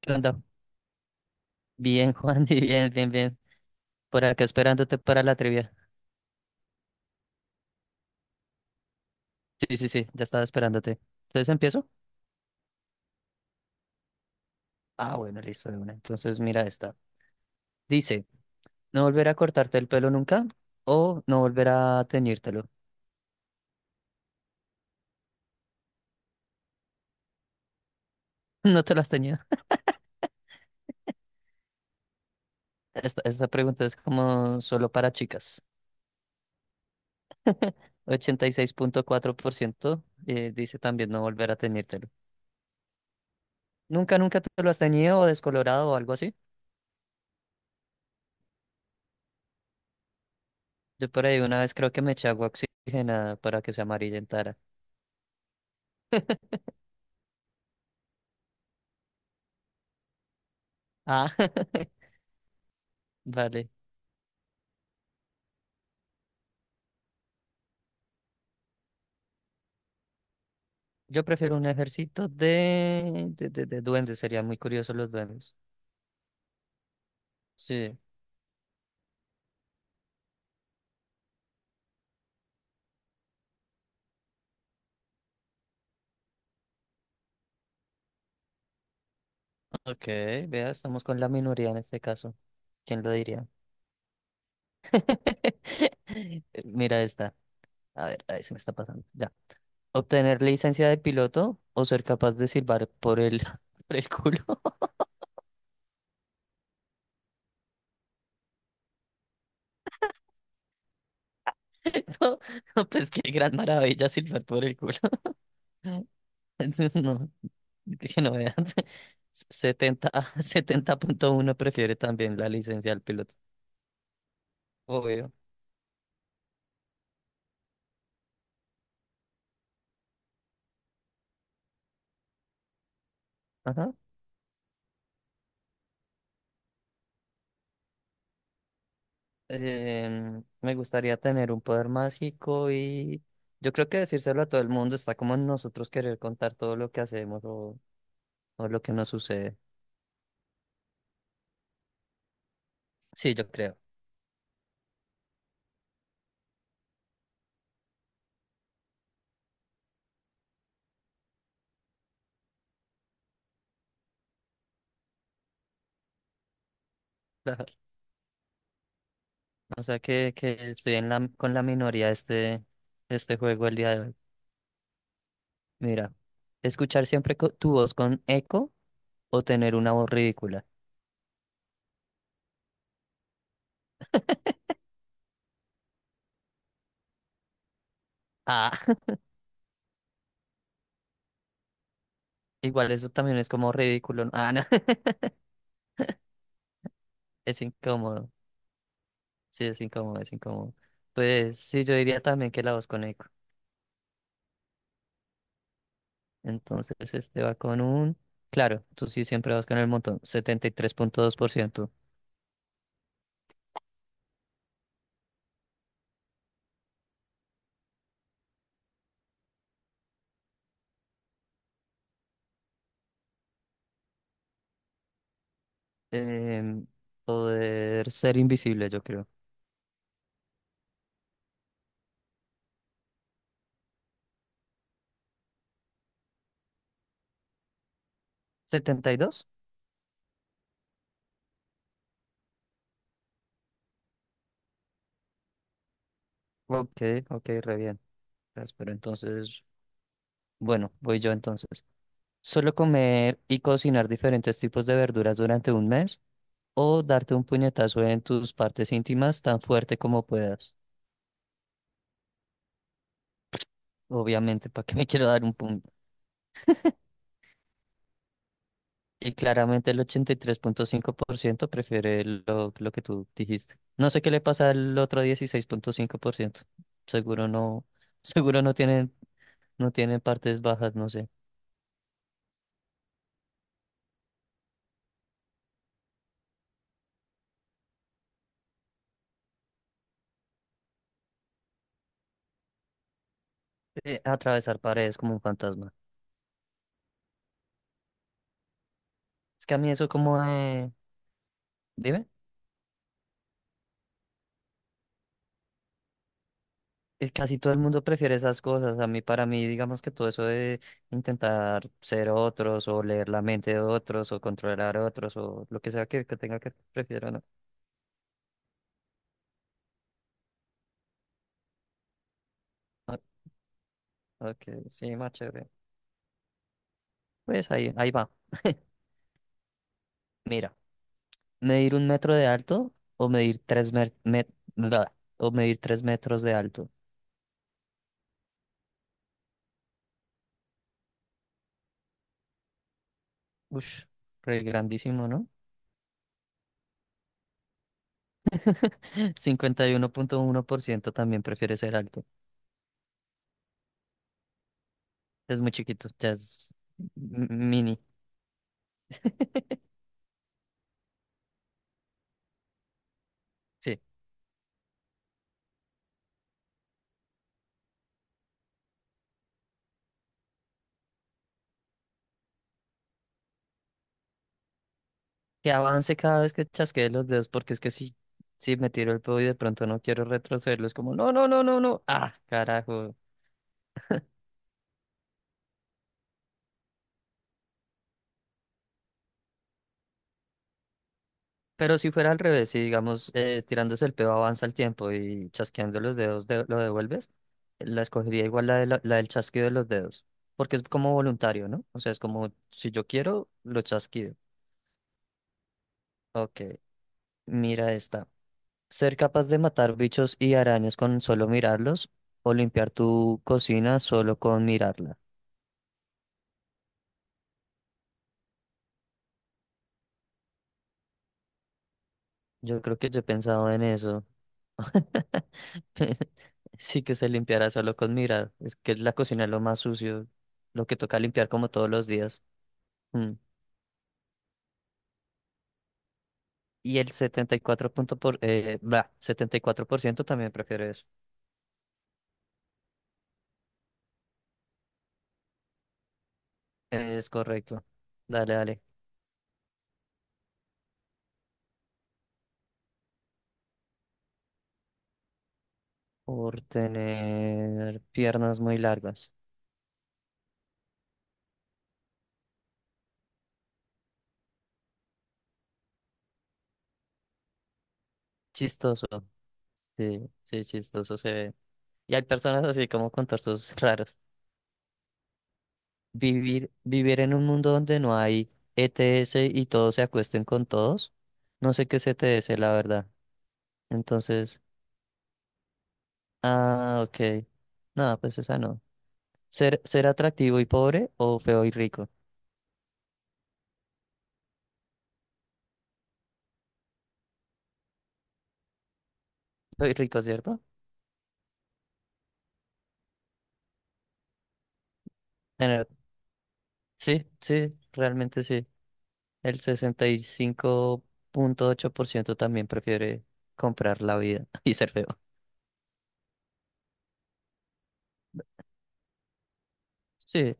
¿Qué onda? Bien, Juan, y bien, bien, bien. Por acá esperándote para la trivia. Sí, sí, sí, ya estaba esperándote. ¿Entonces empiezo? Ah, bueno, listo, de una. Entonces mira esta. Dice, no volver a cortarte el pelo nunca o no volver a teñírtelo. No te las teñía. Esta pregunta es como solo para chicas. 86.4% dice también no volver a teñírtelo. ¿Nunca, nunca te lo has teñido o descolorado o algo así? Yo por ahí una vez creo que me eché agua oxigenada para que se amarillentara. Ah, vale. Yo prefiero un ejército de duendes, serían muy curiosos los duendes. Sí, ok, vea, estamos con la minoría en este caso. ¿Quién lo diría? Mira esta. A ver, ahí se me está pasando. Ya. Obtener licencia de piloto o ser capaz de silbar por el, por el culo. No, pues qué gran maravilla silbar por el culo. No, que no veas. Setenta, setenta punto uno prefiere también la licencia del piloto. Obvio. Ajá. Me gustaría tener un poder mágico y yo creo que decírselo a todo el mundo está como en nosotros querer contar todo lo que hacemos o lo que nos sucede. Sí, yo creo. Claro. O sea que estoy en la, con la minoría de este juego el día de hoy. Mira, escuchar siempre tu voz con eco o tener una voz ridícula. Ah, igual eso también es como ridículo, ¿no? Ah, no, es incómodo. Sí, es incómodo, es incómodo. Pues sí, yo diría también que la voz con eco. Entonces este va con un... Claro, tú sí siempre vas con el montón. 73.2%. Em, Poder ser invisible, yo creo. ¿72? Ok, ok, re bien. Pues, pero entonces, bueno, voy yo entonces. ¿Solo comer y cocinar diferentes tipos de verduras durante un mes? ¿O darte un puñetazo en tus partes íntimas tan fuerte como puedas? Obviamente, ¿para qué me quiero dar un, pu- Y claramente el 83.5% prefiere lo que tú dijiste. No sé qué le pasa al otro 16.5%. Seguro no, seguro no tienen, no tienen partes bajas, no sé. Atravesar paredes como un fantasma. Es que a mí eso como de... Dime. Es casi todo el mundo prefiere esas cosas. A mí, para mí, digamos que todo eso de intentar ser otros o leer la mente de otros o controlar a otros o lo que sea que tenga que prefiero, ¿no? Ah, ok, sí, más chévere. Pues ahí va. Mira, medir un metro de alto o medir tres mer- met- bla, o medir 3 metros de alto. Ush, re grandísimo, ¿no? 51.1% también prefiere ser alto. Es muy chiquito, ya es mini. Sí, que avance cada vez que chasquee los dedos, porque es que si me tiro el pedo y de pronto no quiero retrocederlo, es como, no, no, no, no, no. Ah, carajo. Pero si fuera al revés, si digamos tirándose el pedo avanza el tiempo y chasqueando los dedos lo devuelves, la escogería igual la del chasquido de los dedos, porque es como voluntario, ¿no? O sea, es como si yo quiero, lo chasquido. Ok, mira esta. Ser capaz de matar bichos y arañas con solo mirarlos o limpiar tu cocina solo con mirarla. Yo creo que yo he pensado en eso. Sí que se limpiará solo con mirar. Es que la cocina es lo más sucio, lo que toca limpiar como todos los días. Mm. Y el 74% también prefiere eso. Es correcto. Dale, dale. Por tener piernas muy largas. Chistoso. Sí, sí, chistoso se ve. Y hay personas así como con torsos raros. Vivir en un mundo donde no hay ETS y todos se acuesten con todos. No sé qué es ETS, la verdad. Entonces, ah, ok. Nada, pues esa no. Ser atractivo y pobre o feo y rico. Feo y rico, ¿cierto? Tener- sí, sí, realmente sí. El 65.8% también prefiere comprar la vida y ser feo. Sí,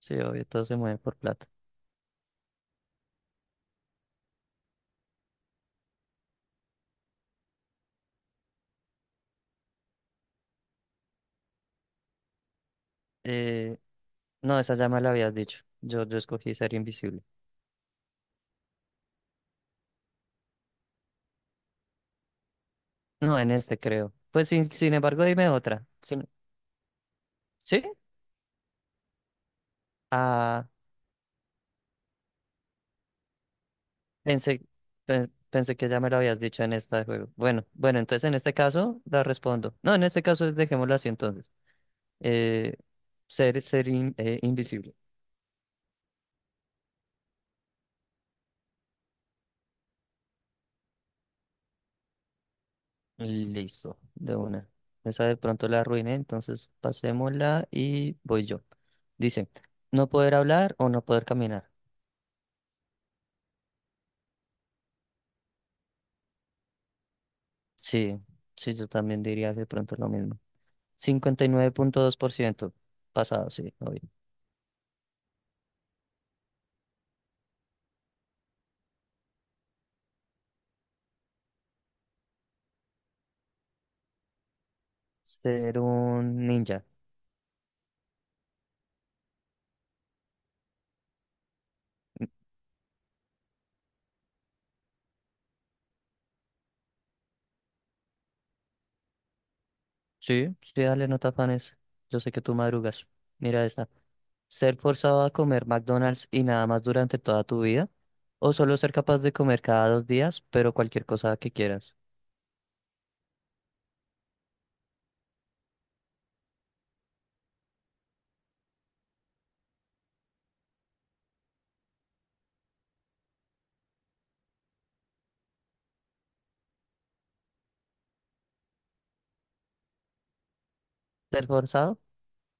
sí, obvio, todo se mueve por plata. Eh, no, esa ya me la habías dicho. Yo escogí ser invisible. No, en este creo. Pues sin embargo, dime otra. ¿Sí? Ah, pensé, pensé que ya me lo habías dicho en esta de juego. Bueno, bueno, entonces en este caso la respondo. No, en este caso dejémosla así entonces. Eh, ser invisible. Listo, de una. Esa de pronto la arruiné, entonces pasémosla y voy yo. Dice, no poder hablar o no poder caminar. Sí, sí, yo también diría de pronto lo mismo. 59.2% pasado, sí, obvio. Ser un ninja. Sí, sí, dale, no te afanes. Yo sé que tú madrugas. Mira esta. ¿Ser forzado a comer McDonald's y nada más durante toda tu vida? ¿O solo ser capaz de comer cada 2 días, pero cualquier cosa que quieras? ¿Ser forzado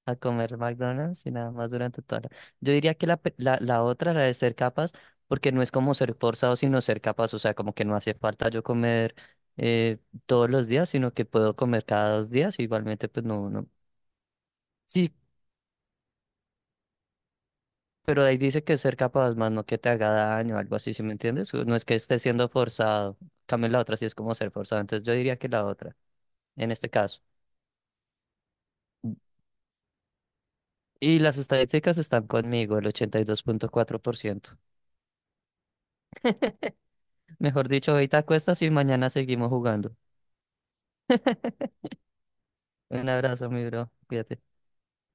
a comer McDonald's y nada más durante toda la... Yo diría que la otra, la de ser capaz, porque no es como ser forzado, sino ser capaz. O sea, como que no hace falta yo comer eh, todos los días, sino que puedo comer cada 2 días. Igualmente, pues no, no. Sí. Pero ahí dice que ser capaz, más no que te haga daño, algo así, ¿sí me entiendes? No es que esté siendo forzado. En cambio la otra sí es como ser forzado. Entonces yo diría que la otra, en este caso. Y las estadísticas están conmigo, el 82.4%. Mejor dicho, hoy te acuestas y mañana seguimos jugando. Un abrazo, mi bro. Cuídate.